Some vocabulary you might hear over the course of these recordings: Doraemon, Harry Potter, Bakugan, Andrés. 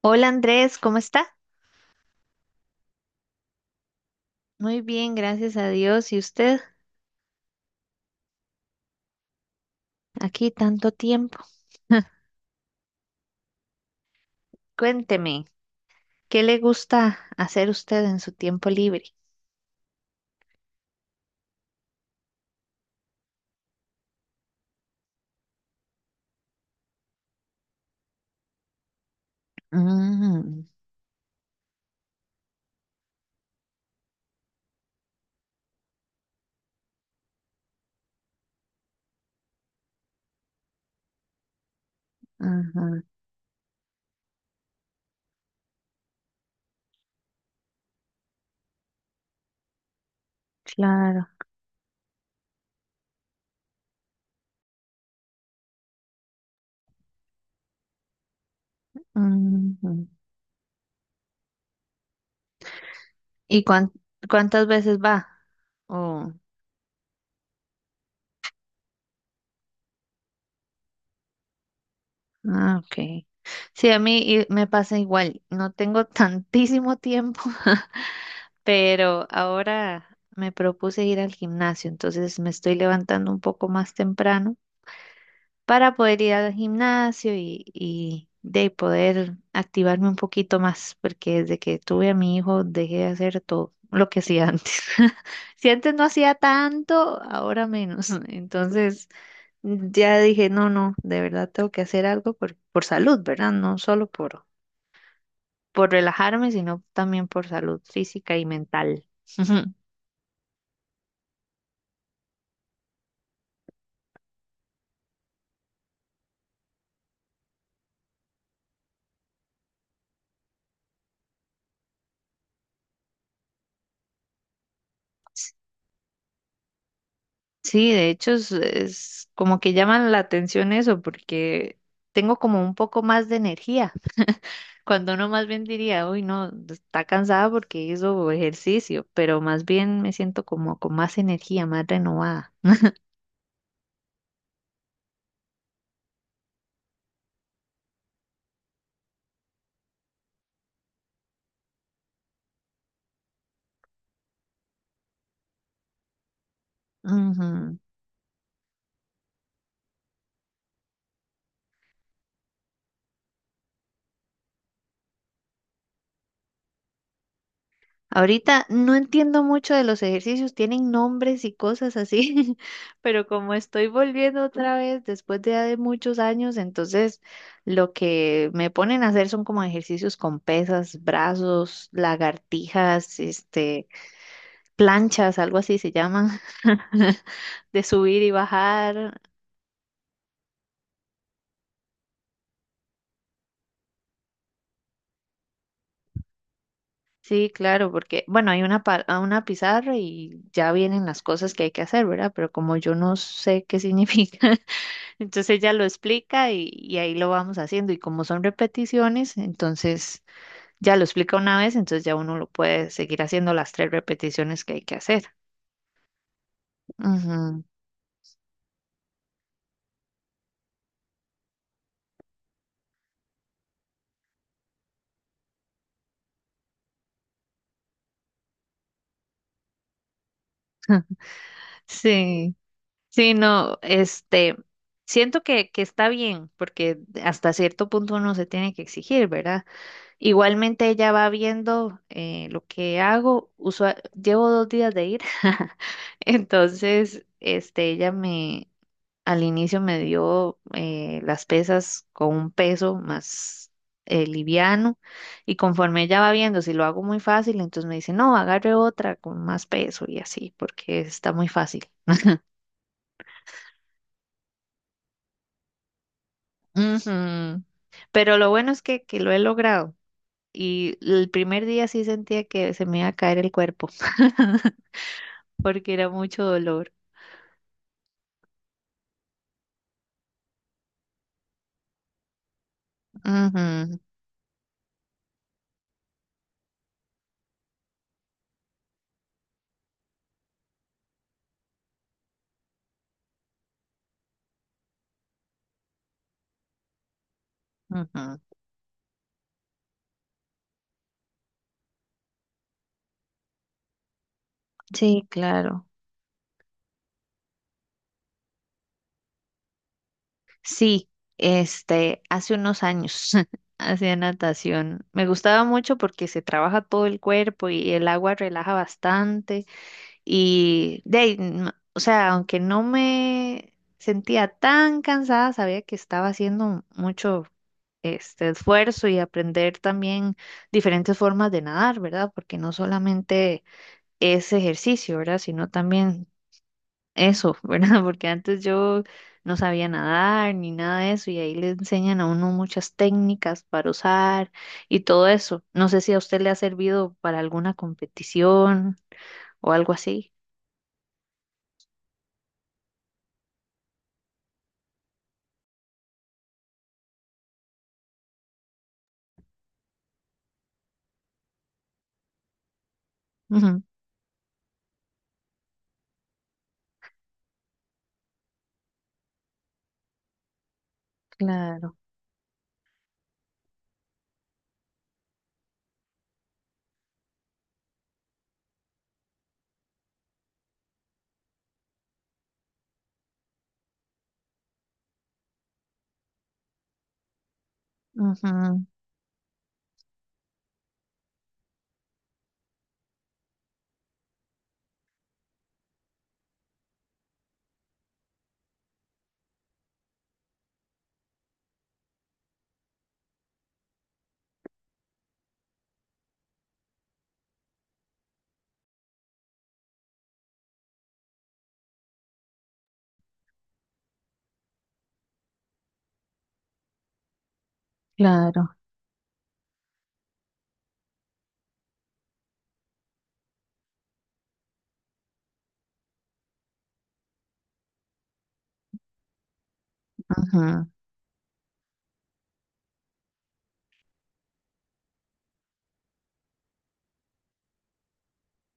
Hola Andrés, ¿cómo está? Muy bien, gracias a Dios. ¿Y usted? Aquí tanto tiempo. Cuénteme, ¿qué le gusta hacer usted en su tiempo libre? Mm, ajá, claro. Ujú. ¿Y cuán- Cuántas veces va? Oh, ah, ok. Sí, a mí me pasa igual. No tengo tantísimo tiempo, pero ahora me propuse ir al gimnasio, entonces me estoy levantando un poco más temprano para poder ir al gimnasio y de poder activarme un poquito más, porque desde que tuve a mi hijo dejé de hacer todo lo que hacía antes. Si antes no hacía tanto, ahora menos. Entonces ya dije, no, no, de verdad tengo que hacer algo por salud, ¿verdad? No solo por relajarme, sino también por salud física y mental. Sí, de hecho es como que llaman la atención eso, porque tengo como un poco más de energía. Cuando uno más bien diría, uy, no, está cansada porque hizo ejercicio, pero más bien me siento como con más energía, más renovada. Ujú. Ahorita no entiendo mucho de los ejercicios, tienen nombres y cosas así, pero como estoy volviendo otra vez después de muchos años, entonces lo que me ponen a hacer son como ejercicios con pesas, brazos, lagartijas, este, planchas, algo así se llaman, de subir y bajar. Sí, claro, porque, bueno, hay una, a una pizarra y ya vienen las cosas que hay que hacer, ¿verdad? Pero como yo no sé qué significa, entonces ella lo explica y ahí lo vamos haciendo. Y como son repeticiones, entonces ya lo explica una vez, entonces ya uno lo puede seguir haciendo las tres repeticiones que hay que hacer. Ujú. Sí, sí, no, este, siento que está bien, porque hasta cierto punto uno se tiene que exigir, ¿verdad? Igualmente ella va viendo lo que hago. Llevo dos días de ir. Entonces, este, ella me, al inicio me dio las pesas con un peso más liviano. Y conforme ella va viendo, si lo hago muy fácil, entonces me dice, no, agarre otra con más peso y así, porque está muy fácil. Ujú. Pero lo bueno es que lo he logrado. Y el primer día sí sentía que se me iba a caer el cuerpo, porque era mucho dolor. Ujú, ujú. Sí, claro. Sí, este, hace unos años hacía natación. Me gustaba mucho porque se trabaja todo el cuerpo y el agua relaja bastante. Y de ahí, o sea, aunque no me sentía tan cansada, sabía que estaba haciendo mucho este esfuerzo y aprender también diferentes formas de nadar, ¿verdad? Porque no solamente es ejercicio, ¿verdad? Sino también eso, ¿verdad? Porque antes yo no sabía nadar ni nada de eso y ahí le enseñan a uno muchas técnicas para usar y todo eso. No sé si a usted le ha servido para alguna competición o algo así. Ujú, claro, ujú, claro, ujú,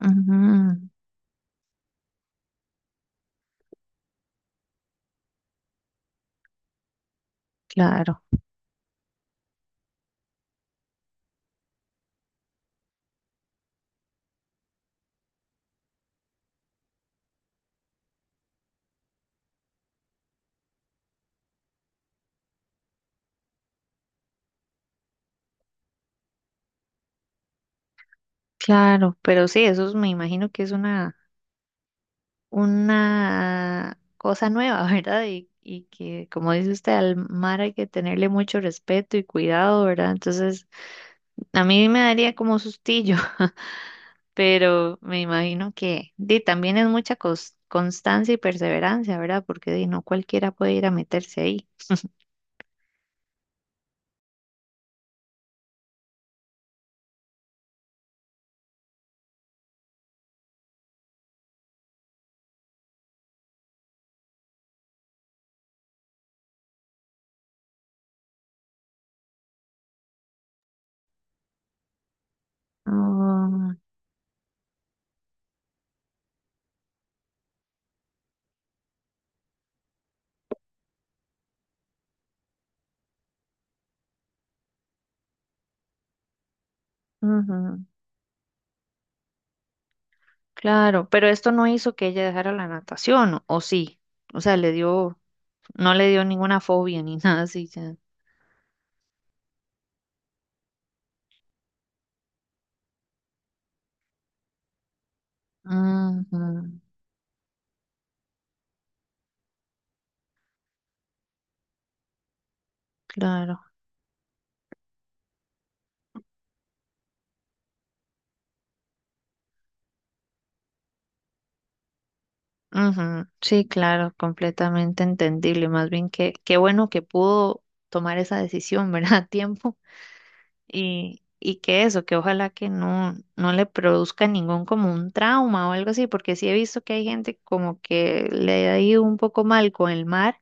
ujú, claro, claro. Pero sí, eso me imagino que es una cosa nueva, ¿verdad? Y que, como dice usted, al mar hay que tenerle mucho respeto y cuidado, ¿verdad? Entonces... A mí me daría como sustillo, pero me imagino que di, también es mucha constancia y perseverancia, ¿verdad? Porque di, no cualquiera puede ir a meterse ahí. Ah, ujú. Claro, pero esto no hizo que ella dejara la natación, ¿o sí? O sea, le dio, no le dio ninguna fobia ni nada así. Ya. Ujú. Claro. Ujú, sí, claro, completamente entendible. Más bien que qué bueno que pudo tomar esa decisión, ¿verdad? A tiempo. Y que eso, que ojalá que no, no le produzca ningún como un trauma o algo así, porque sí he visto que hay gente como que le ha ido un poco mal con el mar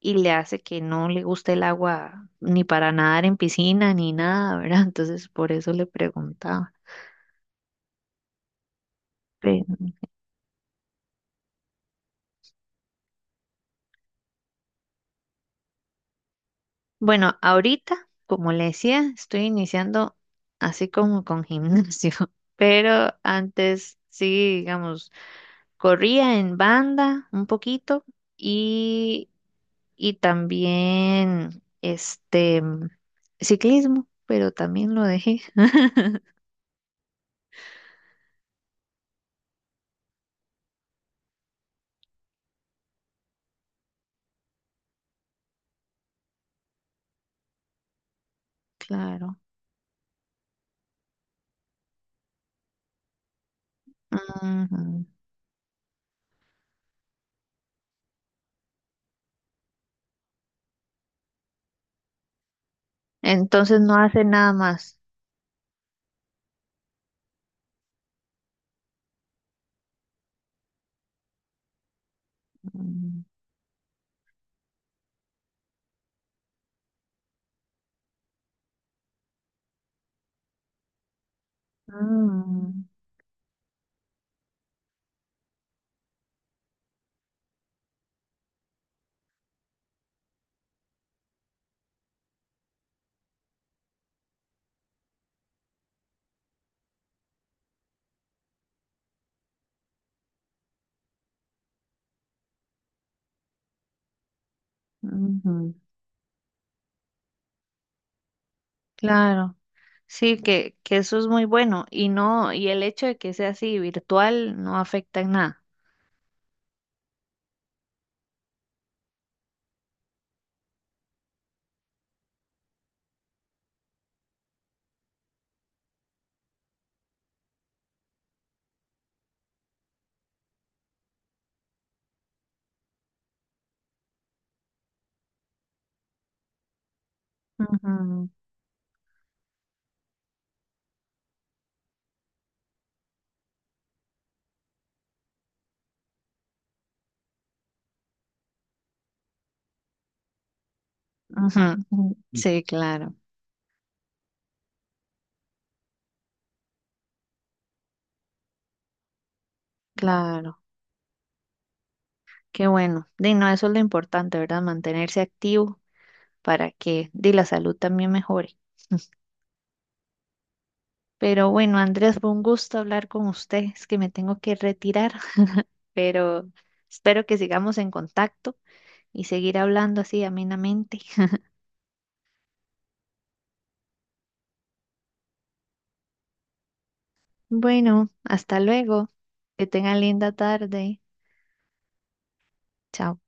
y le hace que no le guste el agua ni para nadar en piscina ni nada, ¿verdad? Entonces por eso le preguntaba. Pero, bueno, ahorita, como le decía, estoy iniciando así como con gimnasio, pero antes sí, digamos, corría en banda un poquito. Y y también este ciclismo, pero también lo dejé. Claro. Ujú. Entonces no hace nada más. Mm, mm, ujú. Claro, sí, que eso es muy bueno y no, y el hecho de que sea así virtual no afecta en nada. Ujú, ujú, ujú. Sí, claro, claro, qué bueno. Di, no, eso es lo importante, ¿verdad? Mantenerse activo para que di, la salud también mejore. Pero bueno, Andrés, fue un gusto hablar con usted. Es que me tengo que retirar, pero espero que sigamos en contacto y seguir hablando así amenamente. Bueno, hasta luego. Que tengan linda tarde. Chao.